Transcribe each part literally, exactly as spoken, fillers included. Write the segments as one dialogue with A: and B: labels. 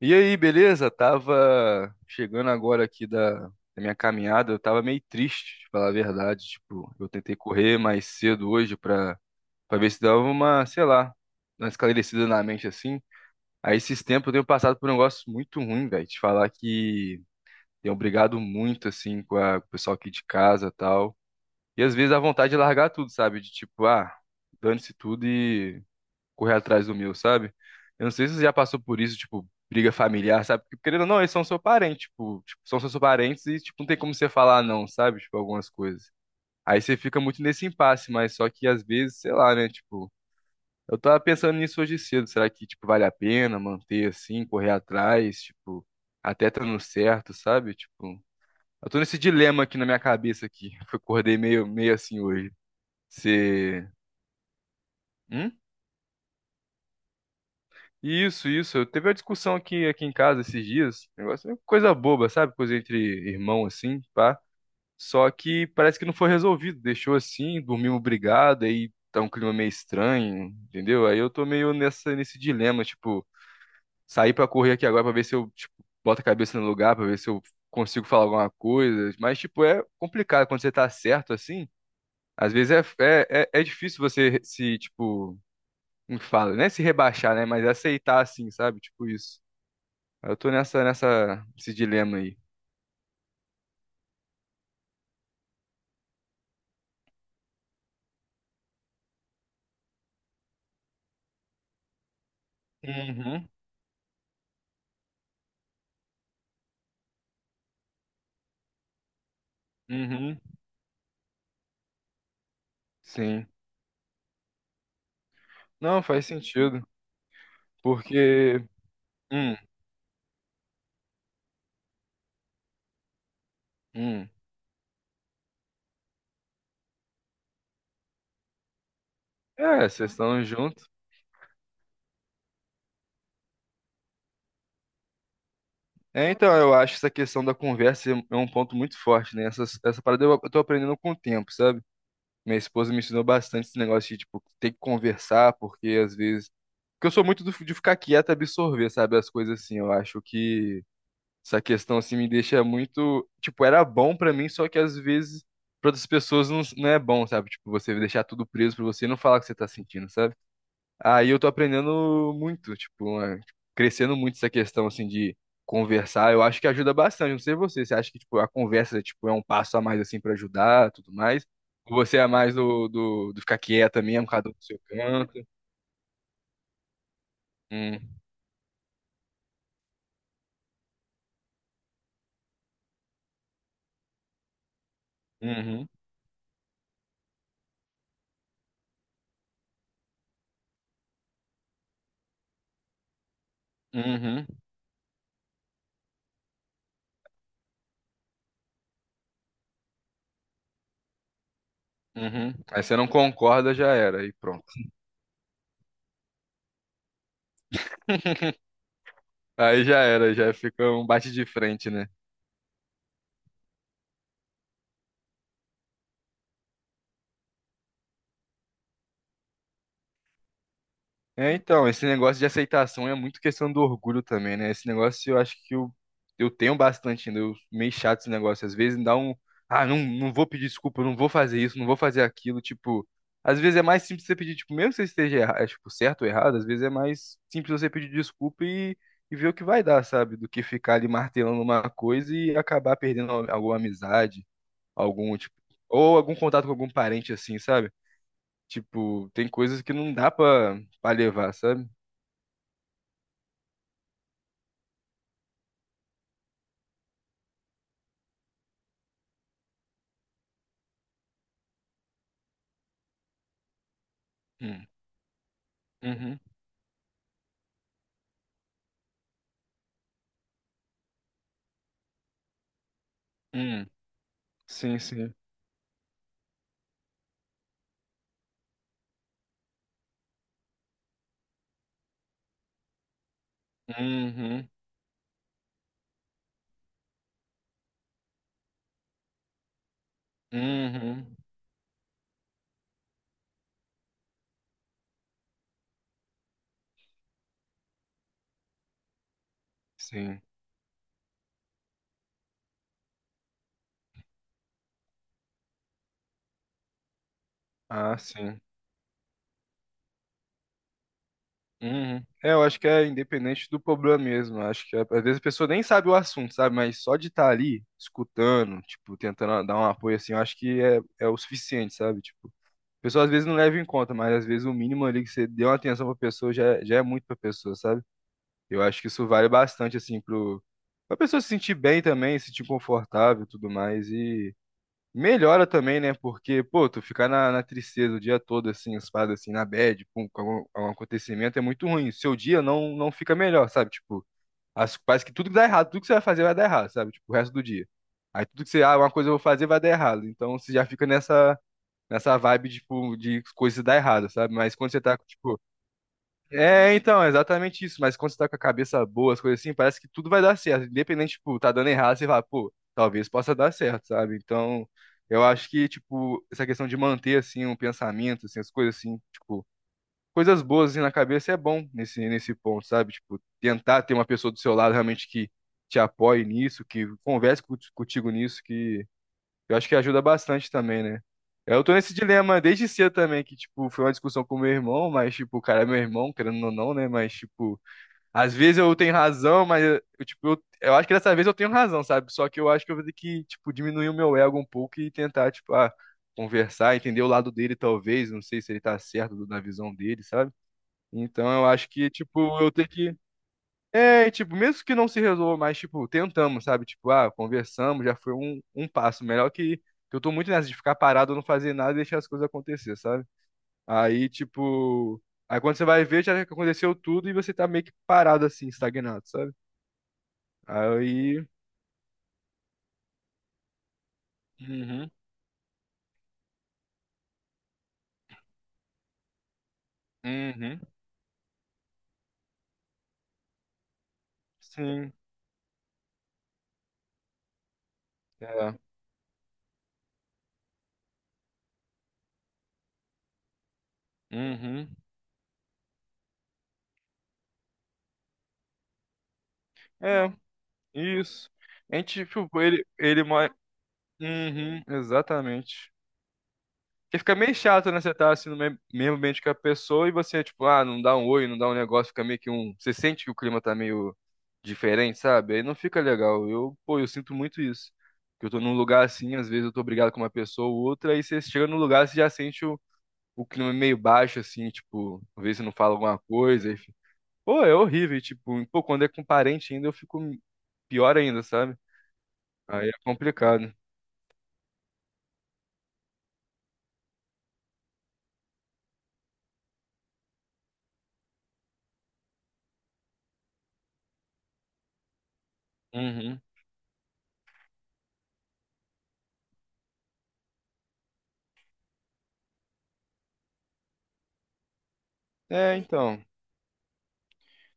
A: E aí, beleza? Tava chegando agora aqui da, da minha caminhada, eu tava meio triste, de falar a verdade. Tipo, eu tentei correr mais cedo hoje pra, pra ver se dava uma, sei lá, uma esclarecida na mente assim. Aí esses tempos eu tenho passado por um negócio muito ruim, velho. Te falar que tenho brigado muito, assim, com, a- com o pessoal aqui de casa e tal. E às vezes a vontade de largar tudo, sabe? De tipo, ah, dane-se tudo correr atrás do meu, sabe? Eu não sei se você já passou por isso, tipo, briga familiar, sabe? Porque, querendo ou não, eles são seu parente, tipo, tipo, são seus parentes e, tipo, não tem como você falar não, sabe? Tipo, algumas coisas. Aí você fica muito nesse impasse, mas só que às vezes, sei lá, né? Tipo, eu tava pensando nisso hoje cedo. Será que, tipo, vale a pena manter assim, correr atrás, tipo, até tá no certo, sabe? Tipo, eu tô nesse dilema aqui na minha cabeça aqui. Eu acordei meio, meio assim hoje. Você. Hum? Isso, isso. Eu teve a discussão aqui, aqui em casa esses dias. Negócio, é coisa boba, sabe? Coisa entre irmão, assim, pá. Só que parece que não foi resolvido. Deixou assim, dormimos brigado, aí tá um clima meio estranho, entendeu? Aí eu tô meio nessa, nesse dilema, tipo, sair pra correr aqui agora pra ver se eu, tipo, boto a cabeça no lugar, pra ver se eu consigo falar alguma coisa. Mas, tipo, é complicado quando você tá certo assim. Às vezes é, é, é, é difícil você se, tipo, como que fala, né? Se rebaixar, né? Mas aceitar assim, sabe? Tipo isso. Eu tô nessa, nessa, esse dilema aí. Uhum, uhum. Sim. Não, faz sentido. Porque. Hum, hum. É, vocês estão juntos. É, então, eu acho essa questão da conversa é um ponto muito forte, né? Essa, essa parada eu, eu tô aprendendo com o tempo, sabe? Minha esposa me ensinou bastante esse negócio de, tipo, ter que conversar, porque às vezes. Porque eu sou muito do- de ficar quieto e absorver, sabe? As coisas assim. Eu acho que. Essa questão assim me deixa muito, tipo, era bom pra mim, só que às vezes pra outras pessoas não, não é bom, sabe? Tipo, você deixar tudo preso pra você e não falar o que você tá sentindo, sabe? Aí eu tô aprendendo muito, tipo, é, tipo, crescendo muito essa questão assim de conversar. Eu acho que ajuda bastante, não sei você, você acha que tipo a conversa tipo é um passo a mais assim pra ajudar, tudo mais? Ou você é mais do, do, do ficar quieta mesmo, cada um no seu canto? Hum, uhum, uhum, uhum. Aí você não concorda, já era, aí pronto. Aí já era, já fica um bate de frente, né? É, então, esse negócio de aceitação é muito questão do orgulho também, né? Esse negócio eu acho que eu, eu tenho bastante ainda, eu meio chato esse negócio. Às vezes dá um, ah, não, não vou pedir desculpa, não vou fazer isso, não vou fazer aquilo, tipo, às vezes é mais simples você pedir, tipo, mesmo que você esteja erra- é, tipo, certo ou errado, às vezes é mais simples você pedir desculpa e, e ver o que vai dar, sabe? Do que ficar ali martelando uma coisa e acabar perdendo al- alguma amizade, algum, tipo, ou algum contato com algum parente assim, sabe? Tipo, tem coisas que não dá pra, pra levar, sabe? Hum, uhum, hum, sim, sim. Uhum, uhum, sim. Ah, sim. Uhum. É, eu acho que é independente do problema mesmo. Eu acho que é- às vezes a pessoa nem sabe o assunto, sabe? Mas só de estar ali, escutando, tipo, tentando dar um apoio assim, eu acho que é, é o suficiente, sabe? Tipo, a pessoa às vezes não leva em conta, mas às vezes o mínimo ali que você deu uma atenção pra pessoa já, é- já é muito pra pessoa, sabe? Eu acho que isso vale bastante, assim, pro, pra pessoa se sentir bem também, se sentir confortável e tudo mais. E melhora também, né? Porque, pô, tu ficar na, na tristeza o dia todo, assim, as paradas assim, na bad, com, com algum, algum acontecimento, é muito ruim. Seu dia não, não fica melhor, sabe? Tipo, as, parece que tudo que dá errado, tudo que você vai fazer vai dar errado, sabe? Tipo, o resto do dia. Aí tudo que você, ah, uma coisa eu vou fazer vai dar errado. Então você já fica nessa, nessa, vibe, tipo, de coisas dar errado, sabe? Mas quando você tá, tipo, é, então, é exatamente isso. Mas quando você tá com a cabeça boa, as coisas assim, parece que tudo vai dar certo. Independente, tipo, tá dando errado, você fala, pô, talvez possa dar certo, sabe? Então, eu acho que, tipo, essa questão de manter, assim, um pensamento, assim, as coisas assim, tipo, coisas boas, assim, na cabeça é bom nesse, nesse ponto, sabe? Tipo, tentar ter uma pessoa do seu lado realmente que te apoie nisso, que converse co- contigo nisso, que eu acho que ajuda bastante também, né? Eu tô nesse dilema desde cedo também, que, tipo, foi uma discussão com meu irmão, mas, tipo, o cara é meu irmão, querendo ou não, né? Mas, tipo, às vezes eu tenho razão, mas, eu, eu, tipo, eu, eu acho que dessa vez eu tenho razão, sabe? Só que eu acho que eu vou ter que, tipo, diminuir o meu ego um pouco e tentar, tipo, ah, conversar, entender o lado dele, talvez, não sei se ele tá certo do- na visão dele, sabe? Então eu acho que, tipo, eu tenho que é, e, tipo, mesmo que não se resolva, mas, tipo, tentamos, sabe? Tipo, ah, conversamos, já foi um, um passo. Melhor que, que eu tô muito nessa de ficar parado, não fazer nada e deixar as coisas acontecer, sabe? Aí, tipo, aí quando você vai ver, já aconteceu tudo e você tá meio que parado assim, estagnado, sabe? Aí. Uhum, uhum, sim, é, uhum, é, isso. A gente, tipo, ele, ele mora. Uhum, exatamente. Porque fica meio chato, né? Você tá assim no me- mesmo ambiente que a pessoa e você, tipo, ah, não dá um oi, não dá um negócio, fica meio que um. Você sente que o clima tá meio diferente, sabe? Aí não fica legal. Eu, pô, eu sinto muito isso. Que eu tô num lugar assim, às vezes eu tô brigado com uma pessoa ou outra, aí você chega no lugar, você já sente o, o clima meio baixo, assim, tipo, às vezes você não fala alguma coisa, enfim. Pô, é horrível, e, tipo, pô, quando é com parente ainda eu fico pior ainda, sabe? Aí é complicado. Uhum. É, então.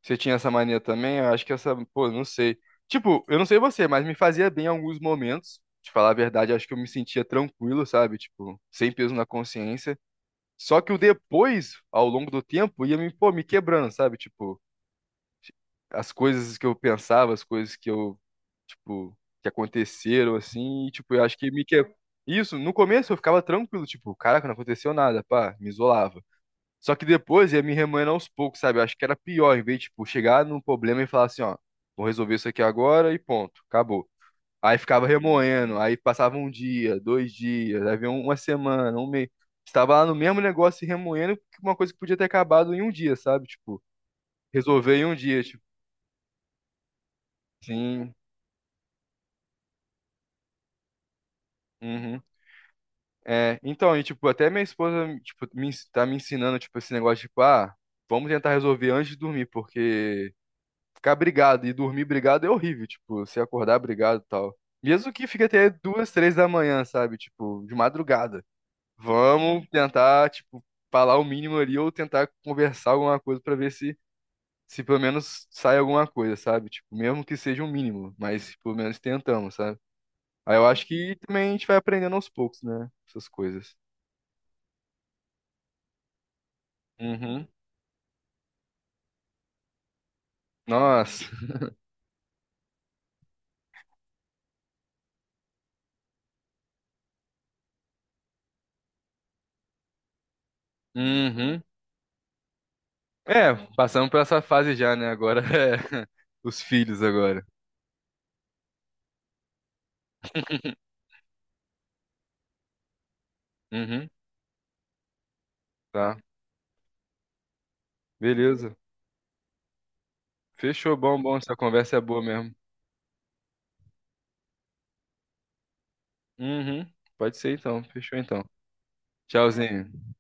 A: Você tinha essa mania também? Eu acho que essa, pô, não sei. Tipo, eu não sei você, mas me fazia bem em alguns momentos. De falar a verdade, acho que eu me sentia tranquilo, sabe? Tipo, sem peso na consciência. Só que o depois, ao longo do tempo, ia me, pô, me quebrando, sabe? Tipo, as coisas que eu pensava, as coisas que eu, tipo, que aconteceram assim, e, tipo, eu acho que me que. Isso, no começo eu ficava tranquilo, tipo, caraca, não aconteceu nada, pá, me isolava. Só que depois ia me remoendo aos poucos, sabe? Eu acho que era pior, em vez de, tipo, chegar num problema e falar assim, ó, vou resolver isso aqui agora e ponto, acabou. Aí ficava remoendo, aí passava um dia, dois dias, aí vinha uma semana, um mês. Estava lá no mesmo negócio e remoendo uma coisa que podia ter acabado em um dia, sabe? Tipo, resolver em um dia, tipo, sim, uhum. É, então, e, tipo, até minha esposa, tipo, me, ens- tá me ensinando, tipo, esse negócio, tipo, ah, vamos tentar resolver antes de dormir, porque ficar brigado e dormir brigado é horrível, tipo, você acordar brigado e tal. Mesmo que fique até duas, três da manhã, sabe? Tipo, de madrugada. Vamos tentar, tipo, falar o mínimo ali ou tentar conversar alguma coisa pra ver se, se pelo menos sai alguma coisa, sabe? Tipo, mesmo que seja o mínimo, mas pelo menos tentamos, sabe? Aí eu acho que também a gente vai aprendendo aos poucos, né? Essas coisas. Uhum. Nossa. Uhum. É, passamos por essa fase já, né? Agora é os filhos agora. Uhum. Tá. Beleza. Fechou, bom, bom. Essa conversa é boa mesmo. Uhum. Pode ser então. Fechou então. Tchauzinho.